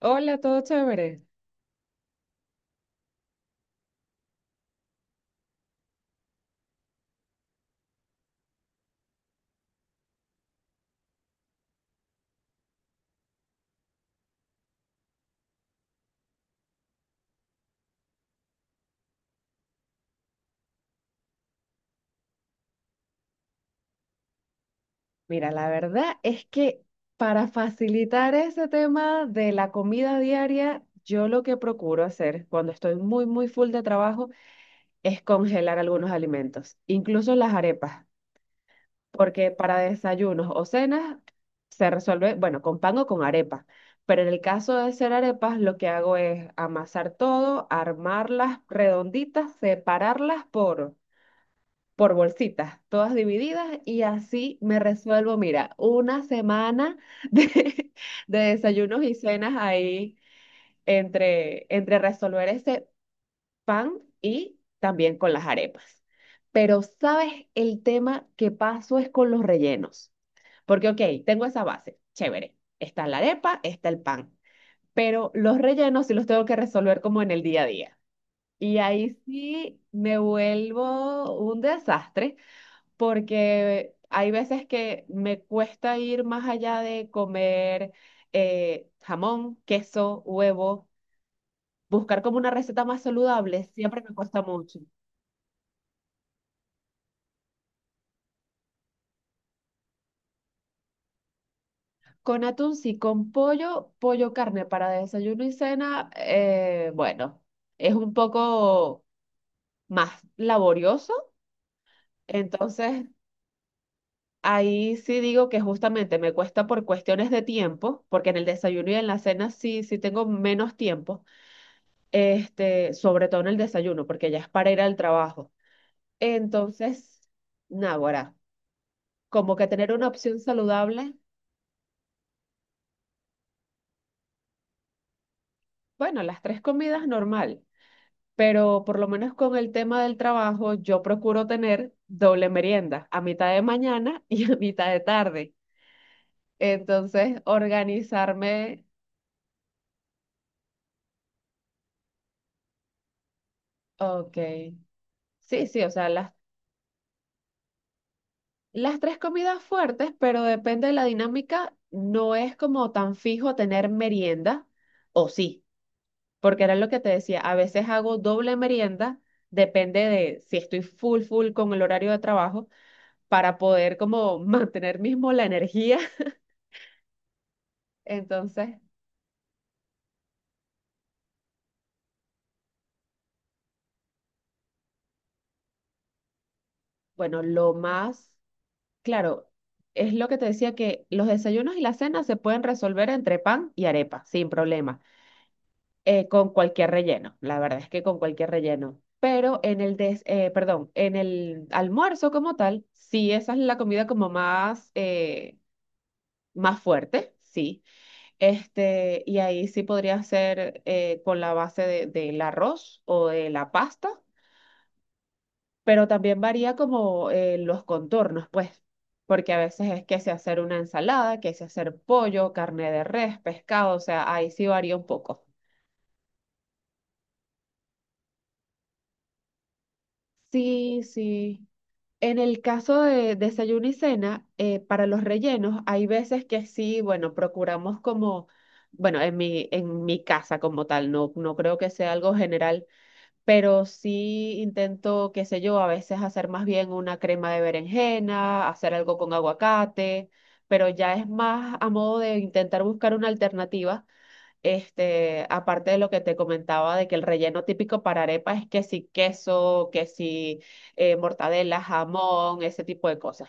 Hola, todo chévere. Mira, la verdad es que para facilitar ese tema de la comida diaria, yo lo que procuro hacer cuando estoy muy, muy full de trabajo es congelar algunos alimentos, incluso las arepas, porque para desayunos o cenas se resuelve, bueno, con pan o con arepa. Pero en el caso de hacer arepas, lo que hago es amasar todo, armarlas redonditas, separarlas por bolsitas, todas divididas y así me resuelvo, mira, una semana de, de desayunos y cenas ahí entre resolver ese pan y también con las arepas. Pero sabes, el tema que paso es con los rellenos, porque ok, tengo esa base, chévere, está la arepa, está el pan, pero los rellenos sí los tengo que resolver como en el día a día. Y ahí sí me vuelvo un desastre porque hay veces que me cuesta ir más allá de comer jamón, queso, huevo, buscar como una receta más saludable, siempre me cuesta mucho. Con atún sí, con pollo, pollo carne para desayuno y cena, bueno, es un poco más laborioso, entonces... Ahí sí digo que justamente me cuesta por cuestiones de tiempo, porque en el desayuno y en la cena sí, sí tengo menos tiempo, este, sobre todo en el desayuno, porque ya es para ir al trabajo. Entonces, naguará, como que tener una opción saludable, bueno, las tres comidas normal, pero por lo menos con el tema del trabajo, yo procuro tener doble merienda, a mitad de mañana y a mitad de tarde. Entonces, organizarme, ok, sí, sí, o sea, las tres comidas fuertes, pero depende de la dinámica, no es como tan fijo tener merienda, o sí. Porque era lo que te decía, a veces hago doble merienda, depende de si estoy full, full con el horario de trabajo, para poder como mantener mismo la energía. Entonces, bueno, lo más, claro, es lo que te decía que los desayunos y la cena se pueden resolver entre pan y arepa, sin problema, con cualquier relleno, la verdad es que con cualquier relleno. Pero en el des, perdón, en el almuerzo como tal, sí, esa es la comida como más, más fuerte, sí. Este, y ahí sí podría ser con la base de- del arroz o de la pasta, pero también varía como los contornos, pues, porque a veces es que se hacer una ensalada, que se hacer pollo, carne de res, pescado, o sea, ahí sí varía un poco. Sí, sí. En el caso de desayuno y cena, para los rellenos, hay veces que sí, bueno, procuramos como, bueno, en mi casa como tal, no, no creo que sea algo general pero sí intento, qué sé yo, a veces hacer más bien una crema de berenjena, hacer algo con aguacate, pero ya es más a modo de intentar buscar una alternativa. Este, aparte de lo que te comentaba de que el relleno típico para arepa es que si queso, que si mortadela, jamón, ese tipo de cosas.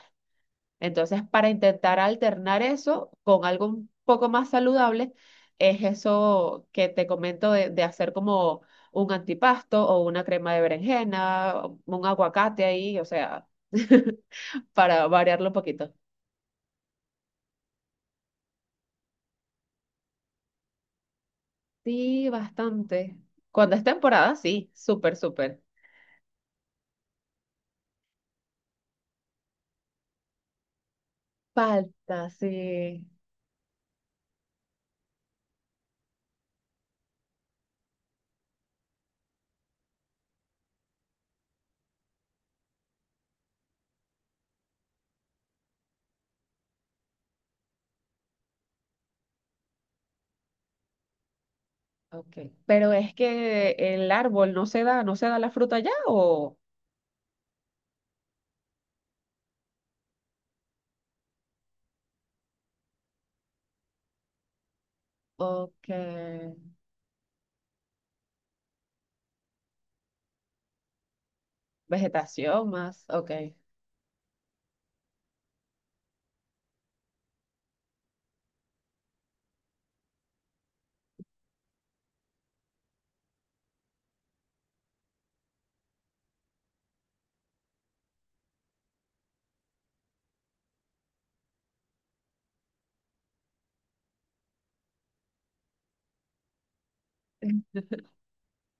Entonces, para intentar alternar eso con algo un poco más saludable, es eso que te comento de hacer como un antipasto o una crema de berenjena, un aguacate ahí, o sea, para variarlo un poquito. Sí, bastante. Cuando es temporada, sí, súper, súper. Falta, sí. Ok. Pero es que el árbol no se da, no se da la fruta ya o... Ok. Vegetación más, ok.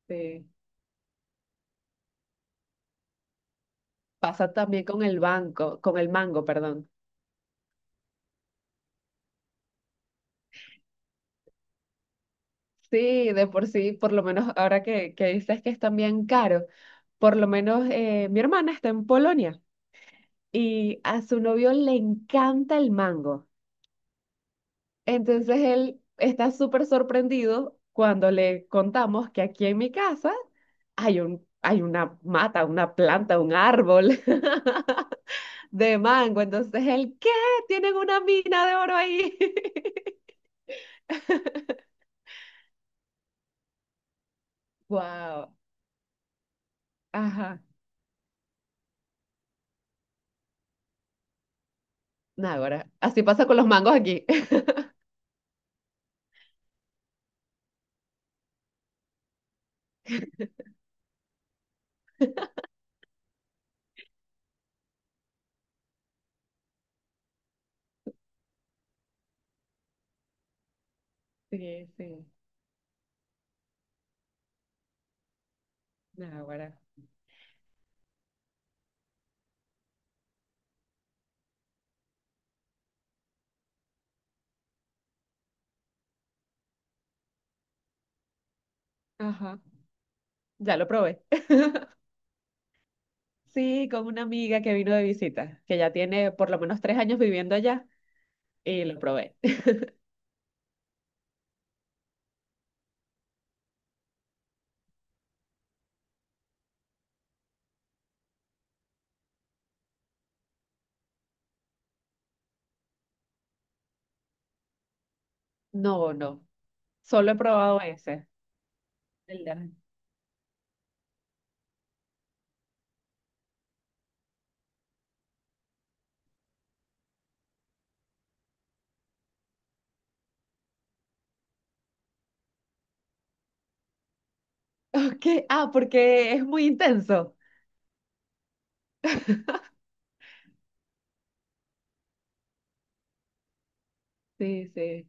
Sí. Pasa también con el banco, con el mango, perdón. Sí, de por sí, por lo menos ahora que dices que es también caro, por lo menos mi hermana está en Polonia y a su novio le encanta el mango. Entonces él está súper sorprendido cuando le contamos que aquí en mi casa hay un, hay una mata, una planta, un árbol de mango. Entonces él, ¿qué? Tienen una mina de oro ahí. Wow. Náguara. Así pasa con los mangos aquí. Sí, sí. Náguara. Ajá. Ya lo probé. Sí, con una amiga que vino de visita, que ya tiene por lo menos 3 años viviendo allá, y lo probé. No, no. Solo he probado ese. El de- Ok. Ah, porque es muy intenso. Sí, sí.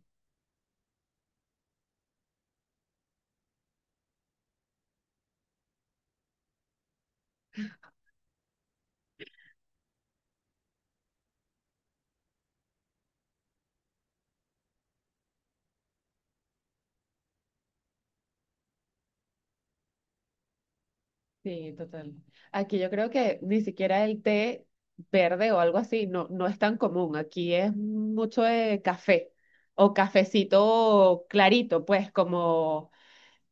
Sí, total. Aquí yo creo que ni siquiera el té verde o algo así no, no es tan común. Aquí es mucho de café o cafecito clarito, pues como,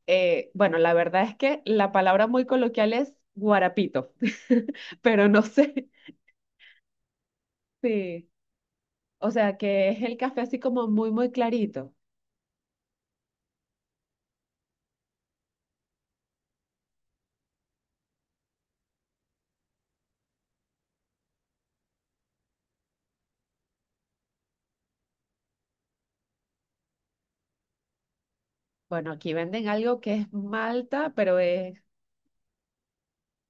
bueno, la verdad es que la palabra muy coloquial es guarapito, pero no sé. Sí, o sea que es el café así como muy, muy clarito. Bueno, aquí venden algo que es malta, pero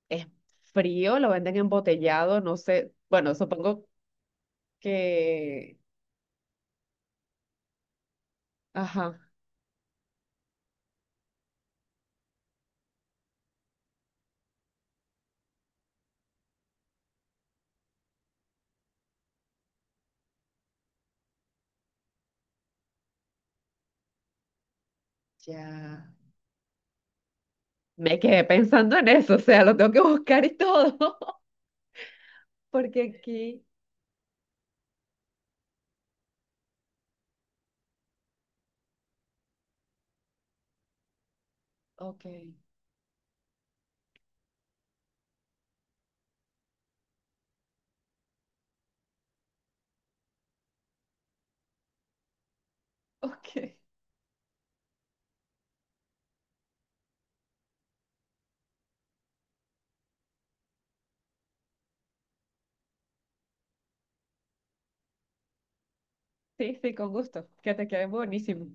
es frío, lo venden embotellado, no sé. Bueno, supongo que... Ajá. Ya. Me quedé pensando en eso, o sea, lo tengo que buscar y todo, porque aquí, ok. Ok, sí, sí, con gusto, que te quede buenísimo.